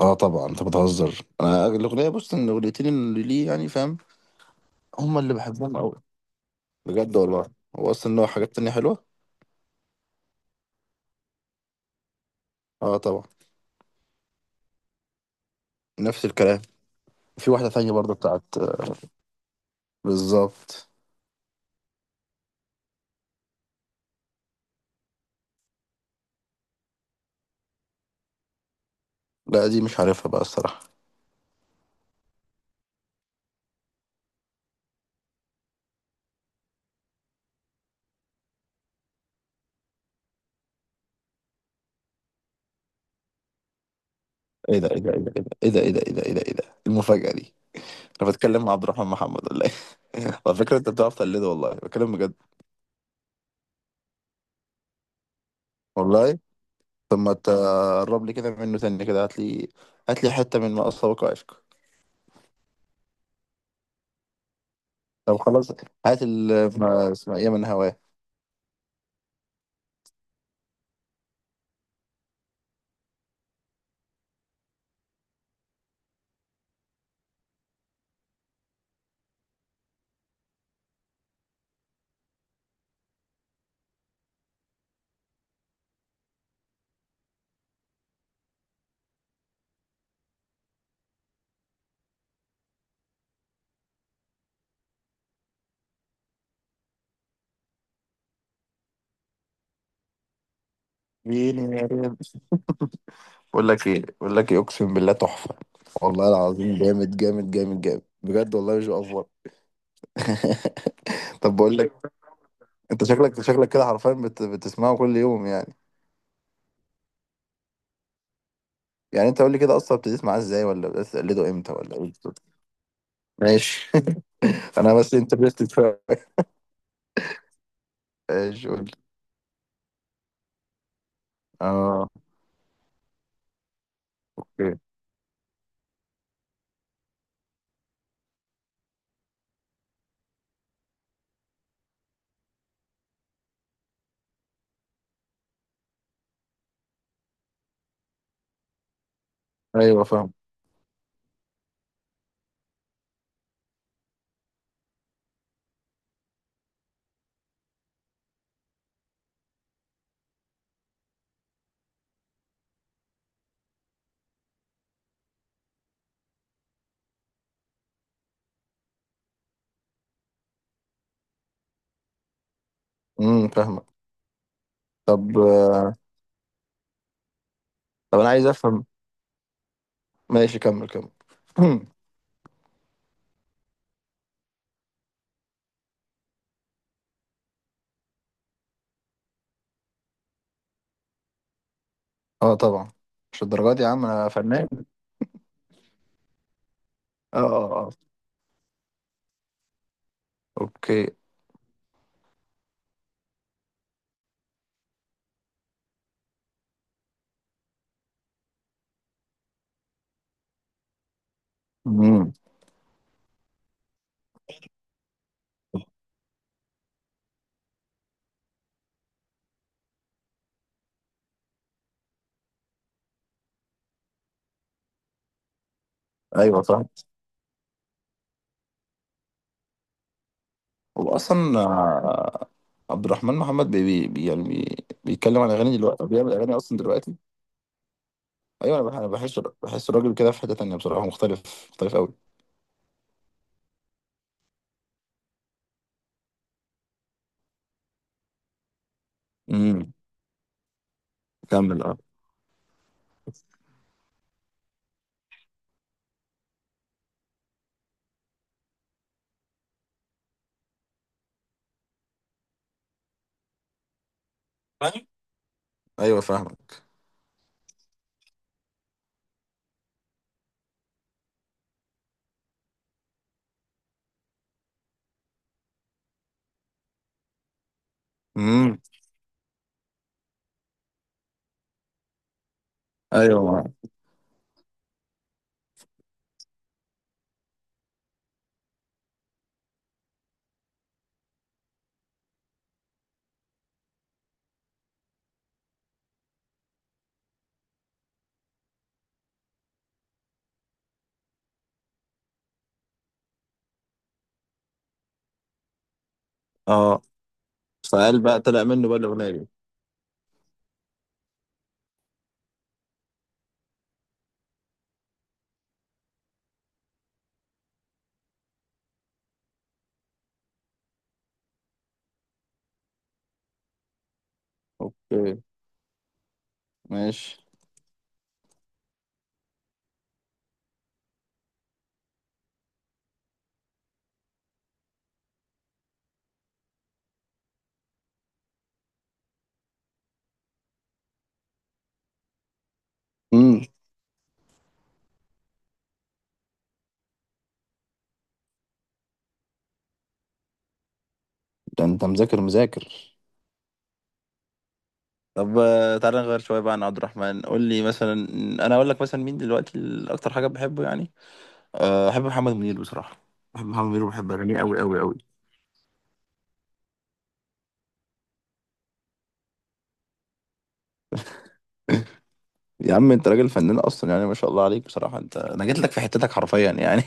اه طبعا، انت بتهزر. انا الاغنيه، بص، ان الاغنيتين اللي ليه يعني فاهم، هما اللي بحبهم قوي. بجد والله. هو اصلا له حاجات تانية حلوه. اه طبعا. نفس الكلام. في واحده تانية برضه بتاعت. بالظبط. لا دي مش عارفها بقى الصراحه. ايه ده، ايه ده، ايه ده، ايه ده، ايه ده، ايه ده، ايه ده، ايه ده، المفاجاه دي؟ انا بتكلم مع عبد الرحمن محمد ولا ايه؟ على فكره انت بتعرف تقلده، والله بتكلم بجد. والله. طب ما تقرب لي كده منه تاني، كده هات لي حته من ما اسبق عشق. طب خلاص. هات ال ما اسمها ايه من هواك. فيني يا ريم. بقول لك ايه، اقسم بالله تحفه. والله العظيم، جامد جامد جامد جامد، بجد والله مش بأفور. طب بقول لك، انت شكلك كده حرفيا بتسمعه كل يوم يعني؟ يعني انت قول لي كده، اصلا ابتديت معاه ازاي، ولا بدأت تقلده امتى، ولا ايه بالظبط؟ ماشي. انا بس انترستد، فاهم. ايش؟ قول لي. اه. اوكي. ايوه فاهم. فاهمك. طب طب انا عايز افهم. ماشي، كمل كمل. اه طبعا. مش الدرجات دي يا عم، انا فنان. اه اه اه. اوكي. امم. ايوه فاهم. هو اصلا، عبد الرحمن محمد بي بي بي- يعني بي بيتكلم عن اغاني دلوقتي، أو بيعمل اغاني اصلا دلوقتي؟ ايوه. أنا بحس الراجل كده في حته تانيه بصراحه، مختلف مختلف قوي. امم. كمل. اه. فاهم؟ ايوه فاهمك. امم. ايوه معاك. اه. فقال بقى، طلع منه بقى الاغنيه دي. اوكي. ماشي. امم ده انت مذاكر مذاكر. طب، تعالى نغير شويه بقى عن عبد الرحمن. قول لي مثلا، انا اقول لك مثلا مين دلوقتي اكتر حاجه بحبه يعني. بحب محمد منير بصراحة. بحب محمد منير وبحب أغانيه أوي أوي أوي. يا عم انت راجل فنان اصلا، يعني ما شاء الله عليك بصراحه، انا جيت لك في حتتك حرفيا يعني.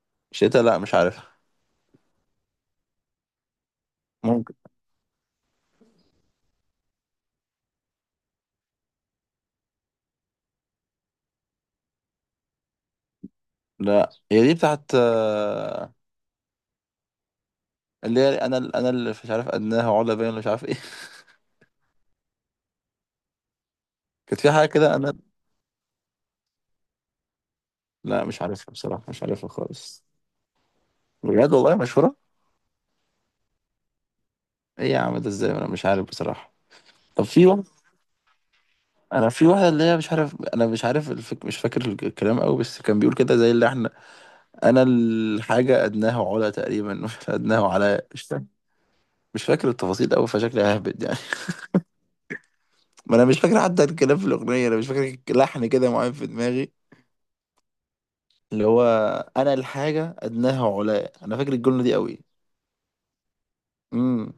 شتا؟ لا مش عارفها. ممكن. لا هي دي بتاعت، اللي هي انا اللي مش عارف، ادناه علا باين ولا مش عارف ايه. كانت في حاجه كده انا. لا مش عارفها بصراحه، مش عارفها خالص. بجد والله مشهوره. ايه يا عم ده ازاي انا مش عارف بصراحه. طب في واحد. انا في واحده اللي هي مش عارف، انا مش عارف مش فاكر الكلام قوي، بس كان بيقول كده زي اللي. انا الحاجه ادناه علا تقريبا. ادناه على، مش فاكر. مش فاكر التفاصيل قوي، فشكلي ههبد يعني. ما انا مش فاكر حتى الكلام في الاغنيه، انا مش فاكر لحن كده معين في دماغي، اللي هو. انا الحاجه ادناه علاء، انا فاكر الجمله دي قوي. امم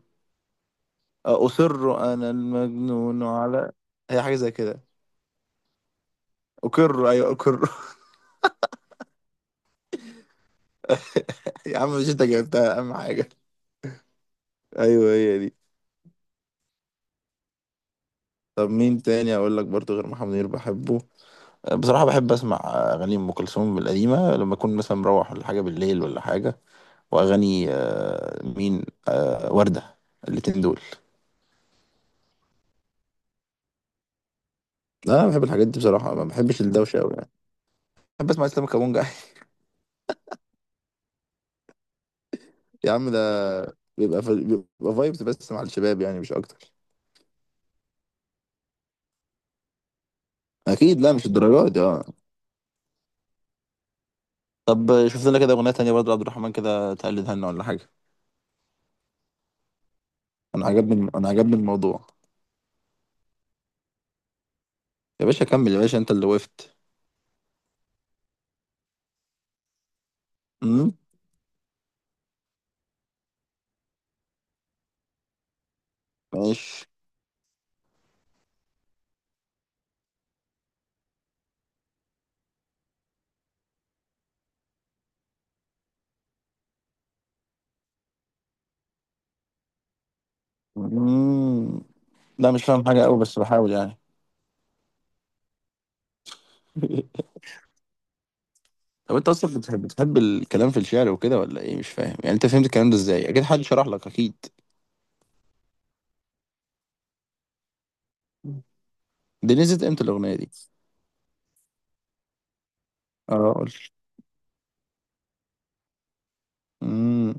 اصر انا المجنون على، هي حاجه زي كده. اقر، ايوه اقر. يا عم، مش انت جبتها اهم حاجه. ايوه هي دي. طب مين تاني اقول لك برضو غير محمد منير بحبه؟ بصراحة بحب أسمع أغاني أم كلثوم القديمة لما أكون مثلا مروح ولا حاجة بالليل ولا حاجة. وأغاني مين، وردة. الاتنين دول. لا أنا بحب الحاجات دي بصراحة، ما بحبش الدوشة أوي يعني. بحب أسمع إسلام كابونجا. يا عم ده بيبقى في... بيبقى فايبس بس مع الشباب، يعني مش أكتر. أكيد. لا مش الدرجات دي أه. طب شوف لنا كده أغنية تانية برضه عبد الرحمن كده، تقلدها لنا ولا حاجة. أنا عجبني الموضوع. يا باشا كمل، يا باشا أنت اللي وقفت. أمم. ماشي. أمم. لا مش فاهم حاجة أوي، بس بحاول يعني. طب انت اصلا بتحب الكلام في الشعر وكده ولا ايه؟ مش فاهم يعني، انت فهمت الكلام ده ازاي؟ اكيد حد شرح لك، اكيد. دي نزلت امتى الاغنيه دي؟ اه قول. امم.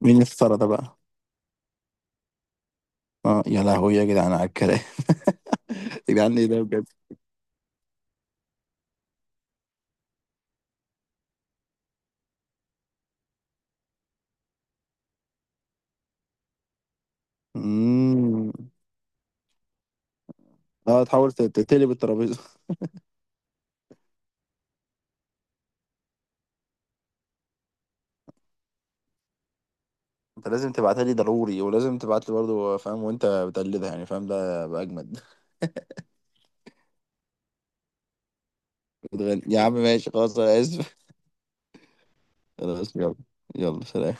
مين اللي افترى ده بقى؟ اه يا لهوي يا جدعان على الكلام. يا جدعان ايه ده بجد. امم. اه تحاول تقلب الترابيزه. انت لازم تبعتها لي ضروري، ولازم تبعت لي برضه فاهم وانت بتقلدها يعني، فاهم؟ ده بقى اجمد. بتغني. يا عم ماشي خلاص، انا اسف. خلاص يلا. يلا سلام.